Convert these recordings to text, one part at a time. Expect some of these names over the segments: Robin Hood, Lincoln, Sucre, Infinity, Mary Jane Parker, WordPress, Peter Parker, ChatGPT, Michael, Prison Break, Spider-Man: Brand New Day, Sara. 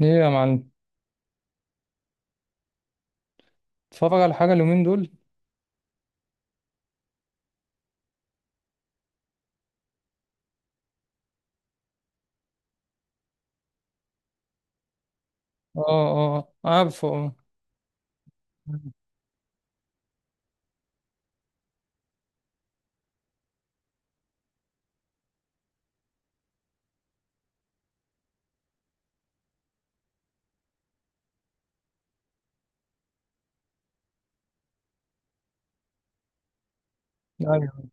ايه يا معلم. اتفرج على حاجة اليومين دول. اه. اه عارفه اه. ايوه،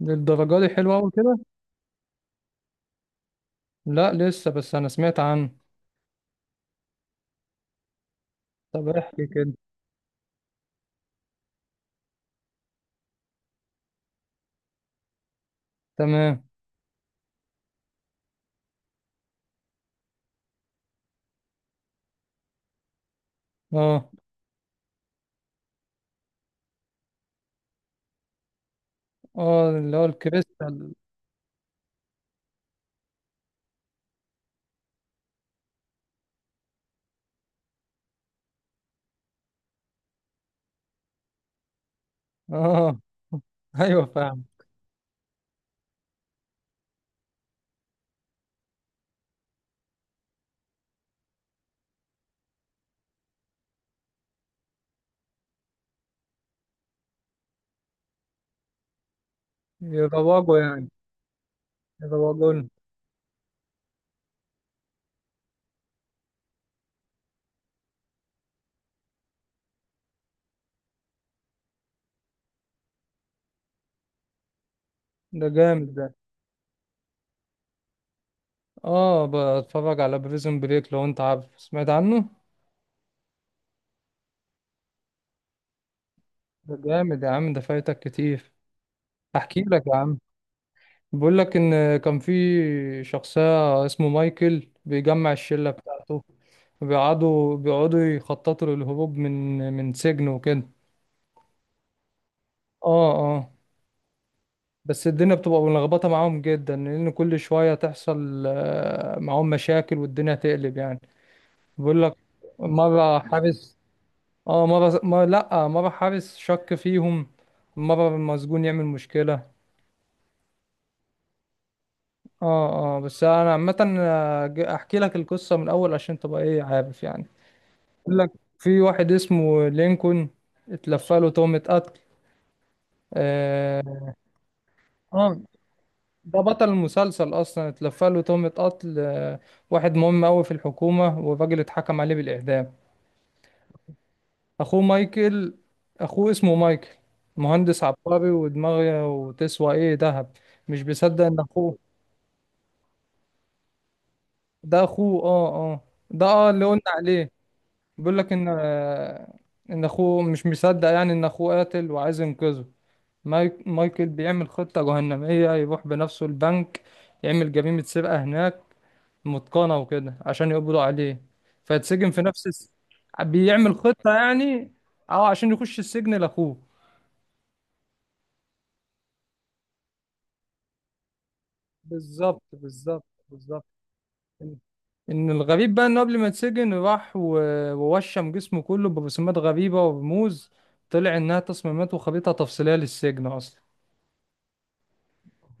للدرجة دي حلوة أوي كده. لا لسه، بس أنا سمعت عنه. طب احكي كده. تمام. اه. اه اللي هو الكريستال. اه. ايوه فاهم. يروجوا يعني. يروجوا لنا. ده جامد ده. اه بتفرج على بريزون بريك، لو انت عارف سمعت عنه. ده جامد يا عم، ده فايتك كتير. احكي لك يا عم. بقول لك ان كان في شخصية اسمه مايكل بيجمع الشلة بتاعته. بيقعدوا يخططوا للهروب من سجن وكده. اه اه. بس الدنيا بتبقى ملخبطة معاهم جدا، لان كل شوية تحصل معاهم مشاكل والدنيا تقلب يعني. بقول لك، مرة حارس. اه مرة، مرة لا مرة حارس شك فيهم. مرة المسجون يعمل مشكلة. اه اه. بس انا عامة احكي لك القصة من الاول عشان تبقى ايه عارف يعني. يقول لك، في واحد اسمه لينكولن اتلفى له تهمة قتل آه, اه. ده بطل المسلسل اصلا. اتلفى له تهمة قتل آه، واحد مهم قوي في الحكومة، والراجل اتحكم عليه بالإعدام. اخوه مايكل. اخوه اسمه مايكل، مهندس عبقري ودماغه وتسوى ايه ذهب. مش بيصدق ان اخوه. ده اخوه اه اه. ده اه اللي قلنا عليه. بيقول لك ان آه، ان اخوه مش مصدق يعني ان اخوه قاتل، وعايز ينقذه. مايكل بيعمل خطة جهنمية، يروح بنفسه البنك، يعمل جريمة سرقة هناك متقنة وكده عشان يقبضوا عليه، فيتسجن في نفس الس... بيعمل خطة يعني. اه عشان يخش السجن لأخوه. بالظبط بالظبط بالظبط. ان الغريب بقى انه قبل ما يتسجن، راح ووشم جسمه كله برسومات غريبة ورموز. طلع انها تصميمات وخريطة تفصيلية للسجن اصلا.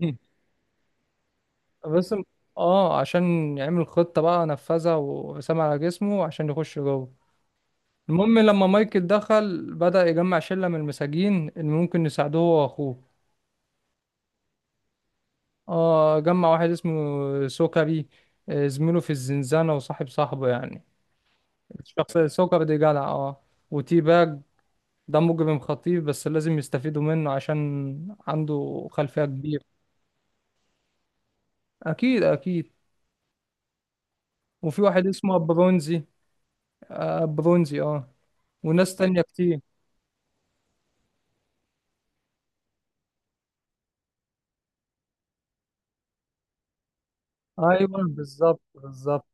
بس. اه عشان يعمل خطة بقى نفذها وسام على جسمه عشان يخش جوه. المهم، لما مايكل دخل، بدأ يجمع شلة من المساجين اللي ممكن يساعدوه هو واخوه. اه. جمع واحد اسمه سوكري زميله في الزنزانة وصاحب صاحبه يعني. الشخص سوكري ده جدع اه. وتي باج، ده مجرم خطير، بس لازم يستفيدوا منه عشان عنده خلفية كبيرة. أكيد أكيد. وفي واحد اسمه برونزي. آه برونزي اه. وناس تانية كتير. ايوه بالظبط بالظبط.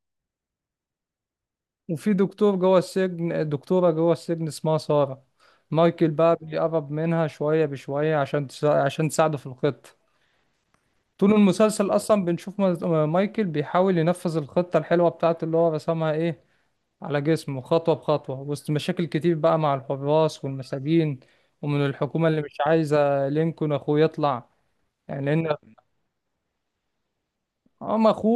وفي دكتور جوه السجن، دكتوره جوه السجن اسمها ساره. مايكل بقى بيقرب منها شويه بشويه عشان عشان تساعده في الخطه. طول المسلسل اصلا بنشوف مايكل بيحاول ينفذ الخطه الحلوه بتاعته اللي هو رسمها ايه على جسمه، خطوه بخطوه، وسط مشاكل كتير بقى مع الحراس والمساجين، ومن الحكومه اللي مش عايزه لينكولن اخوه يطلع، يعني لان هم اخوه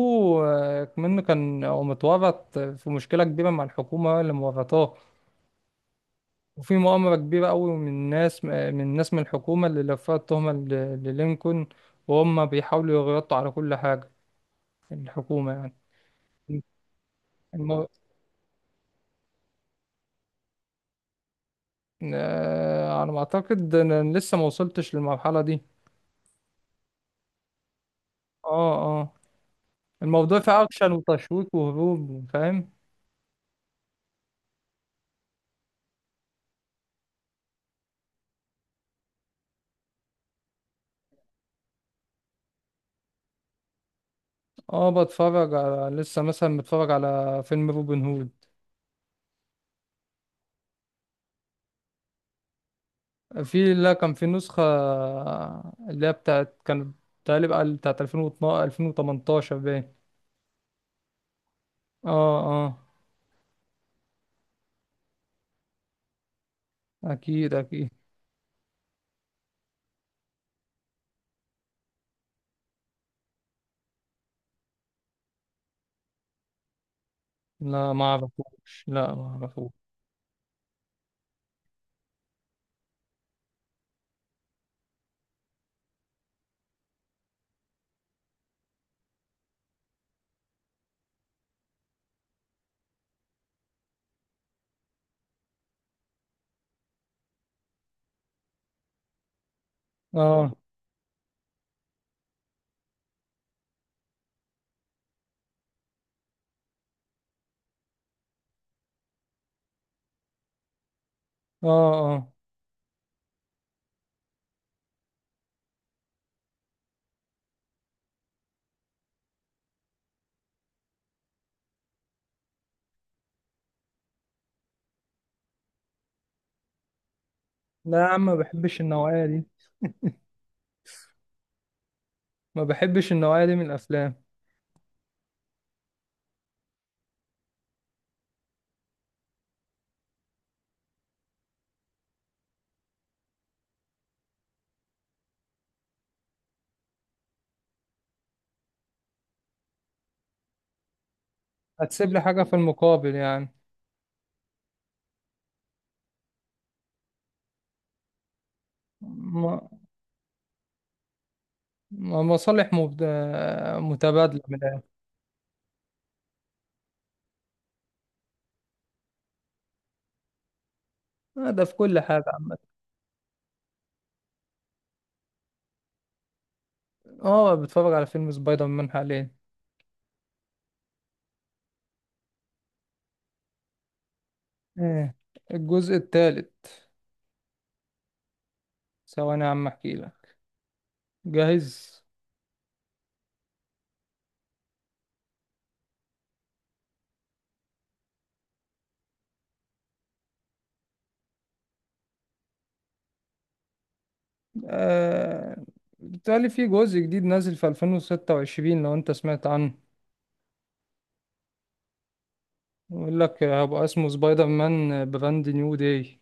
منه، كان هو متورط في مشكله كبيره مع الحكومه اللي مورطاه. وفي مؤامرة كبيرة قوي من ناس من الحكومة اللي لفت التهمة للينكولن، وهم بيحاولوا يغطوا على كل حاجة، الحكومة يعني. المو... على ما أعتقد أنا لسه ما وصلتش للمرحلة دي. اه اه. الموضوع فيه أكشن وتشويق وهروب فاهم. اه بتفرج على لسه مثلا، بتفرج على فيلم روبن هود. في لا، كان في نسخة اللي هي بتاعت كانت تقريبا بتاعت 2012 2018 باين. اه اه. اكيد اكيد. لا ما اعرفوش، لا ما اعرفوش. اه اه اه. لا يا عم ما بحبش النوعية دي. ما بحبش النوعية دي من الافلام. هتسيب لي حاجة في المقابل يعني. ما مصالح مبد... متبادلة من الآخر. ده في كل حاجة عامة. اه بتفرج على فيلم سبايدر مان حاليا. ايه، الجزء الثالث. ثواني يا عم احكي لك. جاهز. آه... بالتالي في جزء جديد نازل في 2026، لو انت سمعت عنه. يقول لك هيبقى اسمه سبايدر مان براند نيو داي.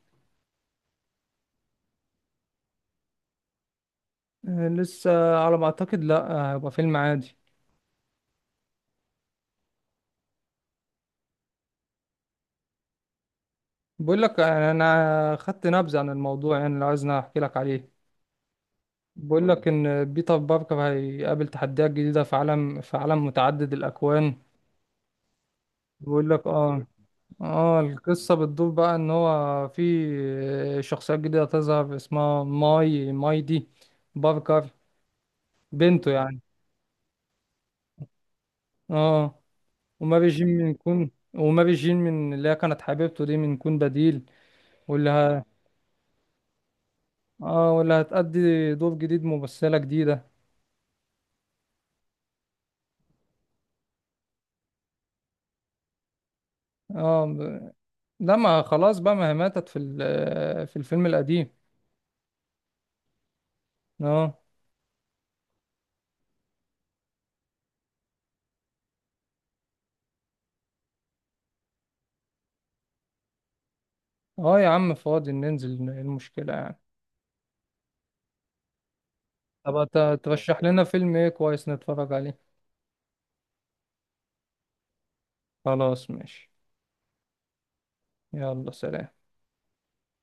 آه، لسه على ما اعتقد، لا آه، هيبقى فيلم عادي. بقول لك آه، انا خدت نبذة عن الموضوع، يعني لو عايزني احكي لك عليه. بقول لك ان بيتر باركر هيقابل تحديات جديدة في عالم، في عالم متعدد الاكوان. بقول لك اه. اه، القصة بتدور بقى ان هو في شخصيات جديدة تظهر اسمها ماي دي باركر، بنته يعني. اه. وما بيجين من كون، وما بيجين من اللي هي كانت حبيبته دي من كون بديل. واللي ه... اه واللي هتأدي دور جديد ممثلة جديدة. اه ب... لا ما خلاص بقى، ما هي ماتت في في الفيلم القديم. اه. اه يا عم فاضي، ننزل إيه المشكلة يعني. طب ترشح لنا فيلم ايه كويس نتفرج عليه. خلاص ماشي. يلا سلام.